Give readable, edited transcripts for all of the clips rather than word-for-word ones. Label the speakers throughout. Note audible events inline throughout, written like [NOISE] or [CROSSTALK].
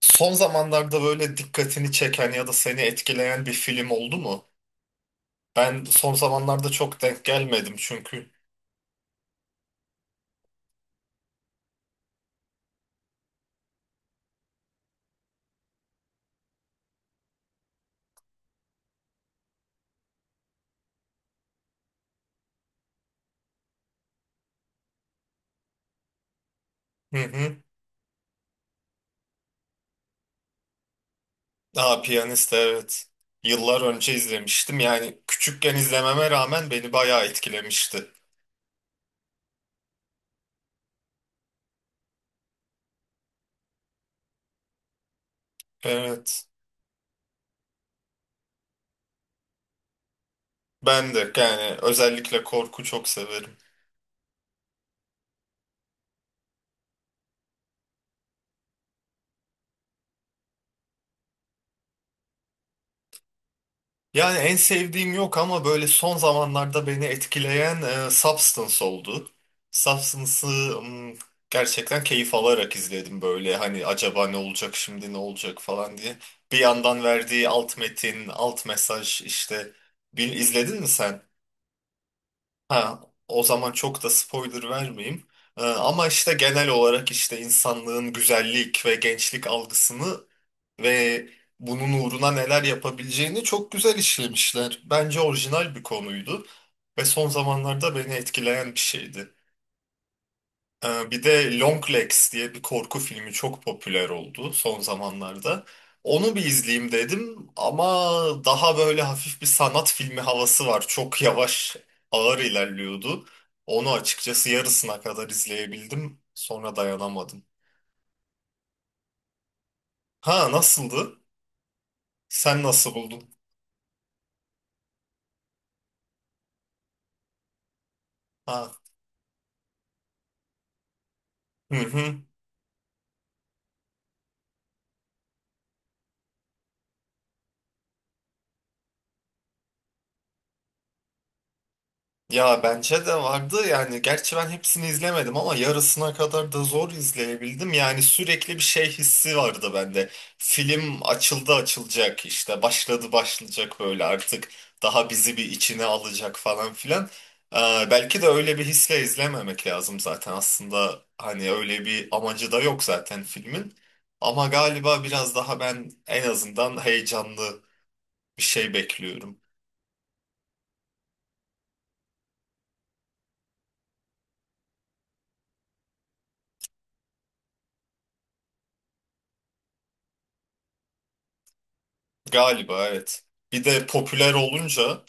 Speaker 1: Son zamanlarda böyle dikkatini çeken ya da seni etkileyen bir film oldu mu? Ben son zamanlarda çok denk gelmedim çünkü. Hı hı. Aa, Piyanist evet. Yıllar önce izlemiştim. Yani küçükken izlememe rağmen beni bayağı etkilemişti. Evet. Ben de yani özellikle korku çok severim. Yani en sevdiğim yok ama böyle son zamanlarda beni etkileyen Substance oldu. Substance'ı mm, gerçekten keyif alarak izledim böyle hani acaba ne olacak şimdi ne olacak falan diye. Bir yandan verdiği alt metin, alt mesaj işte, bir izledin mi sen? Ha, o zaman çok da spoiler vermeyeyim. Ama işte genel olarak işte insanlığın güzellik ve gençlik algısını ve bunun uğruna neler yapabileceğini çok güzel işlemişler. Bence orijinal bir konuydu ve son zamanlarda beni etkileyen bir şeydi. Bir de Long Legs diye bir korku filmi çok popüler oldu son zamanlarda. Onu bir izleyeyim dedim ama daha böyle hafif bir sanat filmi havası var. Çok yavaş, ağır ilerliyordu. Onu açıkçası yarısına kadar izleyebildim. Sonra dayanamadım. Ha, nasıldı? Sen nasıl buldun? Ha. Hı hı. Ya bence de vardı yani, gerçi ben hepsini izlemedim ama yarısına kadar da zor izleyebildim. Yani sürekli bir şey hissi vardı bende. Film açıldı açılacak, işte başladı başlayacak, böyle artık daha bizi bir içine alacak falan filan. Ee, Belki de öyle bir hisle izlememek lazım zaten aslında, hani öyle bir amacı da yok zaten filmin. Ama galiba biraz daha ben en azından heyecanlı bir şey bekliyorum. Galiba evet. Bir de popüler olunca,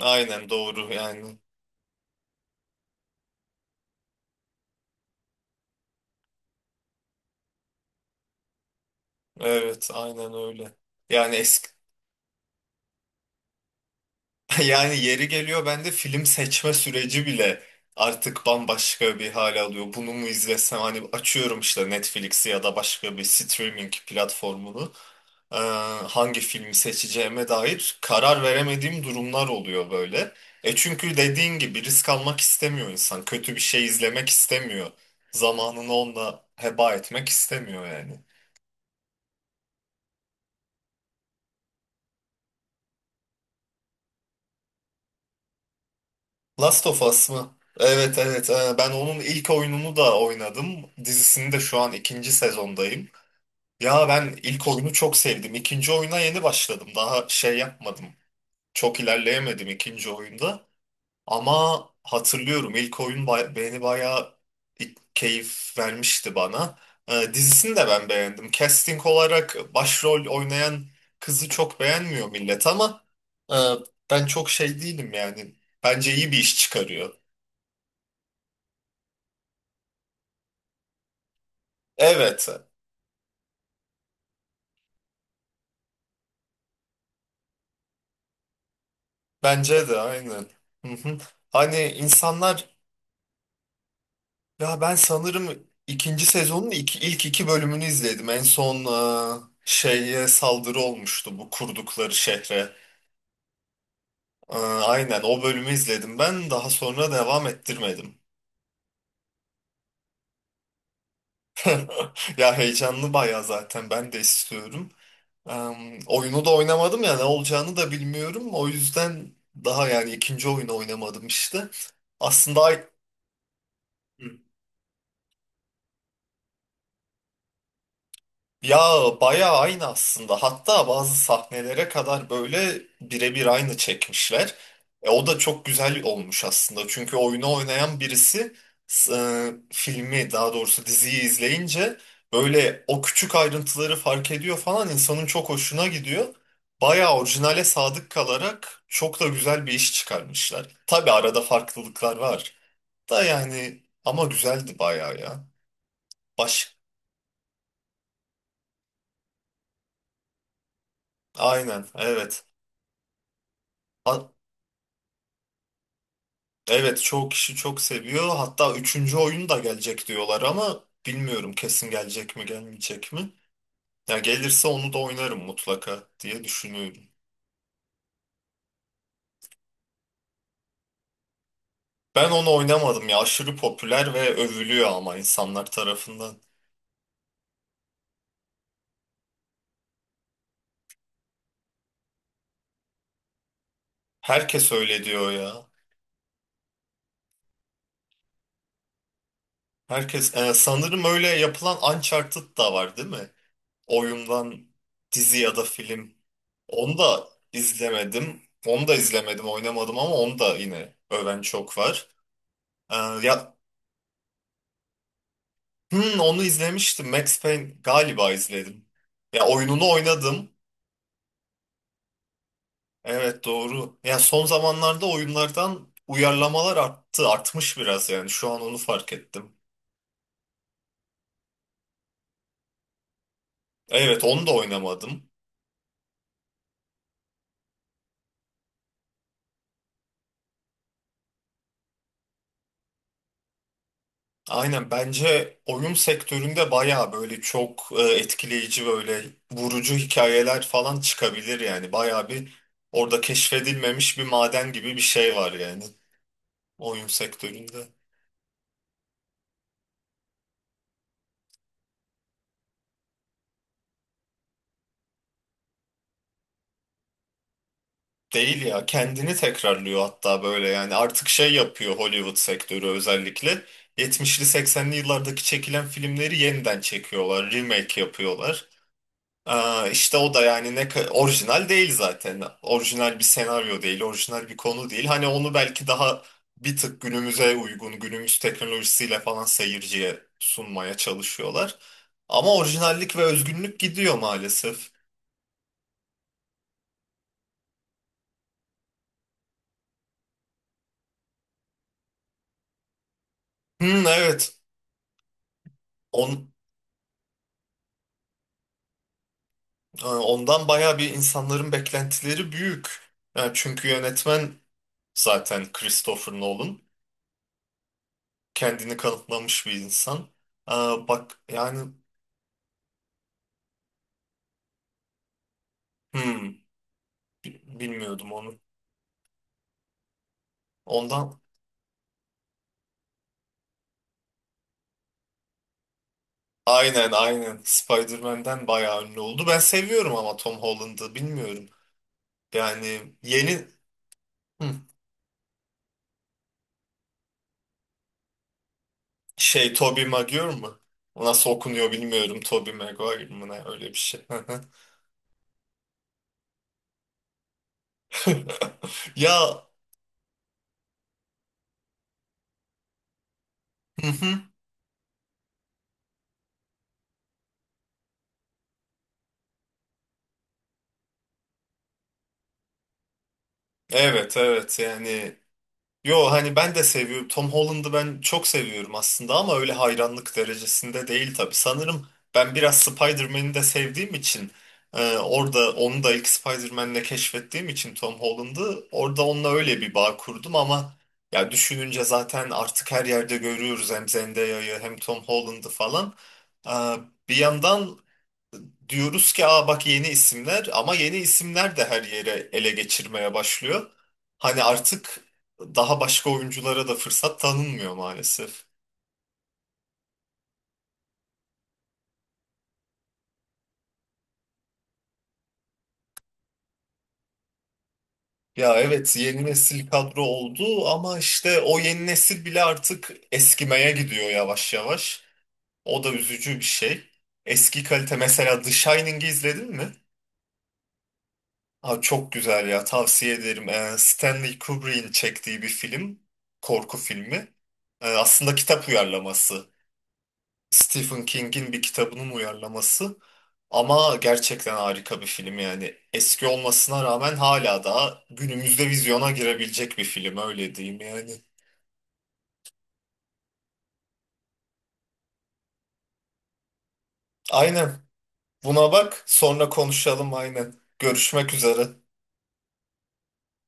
Speaker 1: aynen doğru yani. Evet aynen öyle. Yani eski [LAUGHS] yani yeri geliyor bende film seçme süreci bile artık bambaşka bir hal alıyor. Bunu mu izlesem hani, açıyorum işte Netflix'i ya da başka bir streaming platformunu. Ee, Hangi filmi seçeceğime dair karar veremediğim durumlar oluyor böyle. E çünkü dediğin gibi risk almak istemiyor insan. Kötü bir şey izlemek istemiyor. Zamanını onunla heba etmek istemiyor yani. Last of Us mı? Evet evet. Ben onun ilk oyununu da oynadım. Dizisini de şu an ikinci sezondayım. Ya ben ilk oyunu çok sevdim. İkinci oyuna yeni başladım. Daha şey yapmadım. Çok ilerleyemedim ikinci oyunda. Ama hatırlıyorum, ilk oyun beni bayağı keyif vermişti bana. Dizisini de ben beğendim. Casting olarak başrol oynayan kızı çok beğenmiyor millet ama e, ben çok şey değilim yani. Bence iyi bir iş çıkarıyor. Evet, bence de aynen. Hı hı. Hani insanlar, ya ben sanırım ikinci sezonun ilk iki bölümünü izledim. En son şeye saldırı olmuştu bu kurdukları şehre. Aynen o bölümü izledim ben. Daha sonra devam ettirmedim. [LAUGHS] Ya heyecanlı baya, zaten ben de istiyorum. E, Oyunu da oynamadım, ya ne olacağını da bilmiyorum. O yüzden daha yani ikinci oyunu oynamadım işte. Aslında ya bayağı aynı aslında. Hatta bazı sahnelere kadar böyle birebir aynı çekmişler. E, o da çok güzel olmuş aslında. Çünkü oyunu oynayan birisi filmi, daha doğrusu diziyi izleyince böyle o küçük ayrıntıları fark ediyor falan, insanın çok hoşuna gidiyor. Bayağı orijinale sadık kalarak çok da güzel bir iş çıkarmışlar. Tabii arada farklılıklar var da yani, ama güzeldi bayağı ya. Baş, aynen evet. A- Evet çoğu kişi çok seviyor. Hatta üçüncü oyun da gelecek diyorlar ama bilmiyorum kesin gelecek mi gelmeyecek mi. Ya gelirse onu da oynarım mutlaka diye düşünüyorum. Ben onu oynamadım ya, aşırı popüler ve övülüyor ama insanlar tarafından. Herkes öyle diyor ya. Herkes sanırım öyle yapılan Uncharted da var değil mi? Oyundan dizi ya da film. Onu da izlemedim. Onu da izlemedim, oynamadım ama onu da yine öven çok var. Ee, Ya Hmm, onu izlemiştim. Max Payne galiba izledim. Ya oyununu oynadım. Evet doğru. Ya son zamanlarda oyunlardan uyarlamalar arttı. Artmış biraz yani. Şu an onu fark ettim. Evet onu da oynamadım. Aynen, bence oyun sektöründe baya böyle çok etkileyici, böyle vurucu hikayeler falan çıkabilir yani. Baya bir orada keşfedilmemiş bir maden gibi bir şey var yani oyun sektöründe. Değil ya, kendini tekrarlıyor hatta, böyle yani artık şey yapıyor Hollywood sektörü, özellikle 70'li 80'li yıllardaki çekilen filmleri yeniden çekiyorlar, remake yapıyorlar. Aa, işte o da yani ne orijinal değil, zaten orijinal bir senaryo değil, orijinal bir konu değil, hani onu belki daha bir tık günümüze uygun, günümüz teknolojisiyle falan seyirciye sunmaya çalışıyorlar. Ama orijinallik ve özgünlük gidiyor maalesef. Hmm, evet. on Ondan bayağı bir insanların beklentileri büyük. Yani çünkü yönetmen zaten Christopher Nolan. Kendini kanıtlamış bir insan. Aa, bak yani, hmm, bilmiyordum onu. Ondan, aynen aynen, Spider-Man'den bayağı ünlü oldu. Ben seviyorum ama Tom Holland'ı bilmiyorum. Yani yeni, hmm, şey, Tobey Maguire mı? O nasıl okunuyor bilmiyorum. Tobey Maguire mı, ne öyle bir şey. [LAUGHS] Ya, hı hı. Evet evet yani, yo hani ben de seviyorum. Tom Holland'ı ben çok seviyorum aslında ama öyle hayranlık derecesinde değil tabii. Sanırım ben biraz Spider-Man'i de sevdiğim için, orada onu da ilk Spider-Man'le keşfettiğim için Tom Holland'ı orada onunla öyle bir bağ kurdum ama, ya düşününce zaten artık her yerde görüyoruz hem Zendaya'yı hem Tom Holland'ı falan. E, Bir yandan diyoruz ki aa bak yeni isimler, ama yeni isimler de her yere ele geçirmeye başlıyor. Hani artık daha başka oyunculara da fırsat tanınmıyor maalesef. Ya evet yeni nesil kadro oldu ama işte o yeni nesil bile artık eskimeye gidiyor yavaş yavaş. O da üzücü bir şey. Eski kalite, mesela The Shining'i izledin mi? Abi çok güzel ya, tavsiye ederim. Stanley Kubrick'in çektiği bir film, korku filmi. Aslında kitap uyarlaması. Stephen King'in bir kitabının uyarlaması. Ama gerçekten harika bir film yani. Eski olmasına rağmen hala daha günümüzde vizyona girebilecek bir film, öyle diyeyim yani. Aynen. Buna bak, sonra konuşalım aynen. Görüşmek üzere.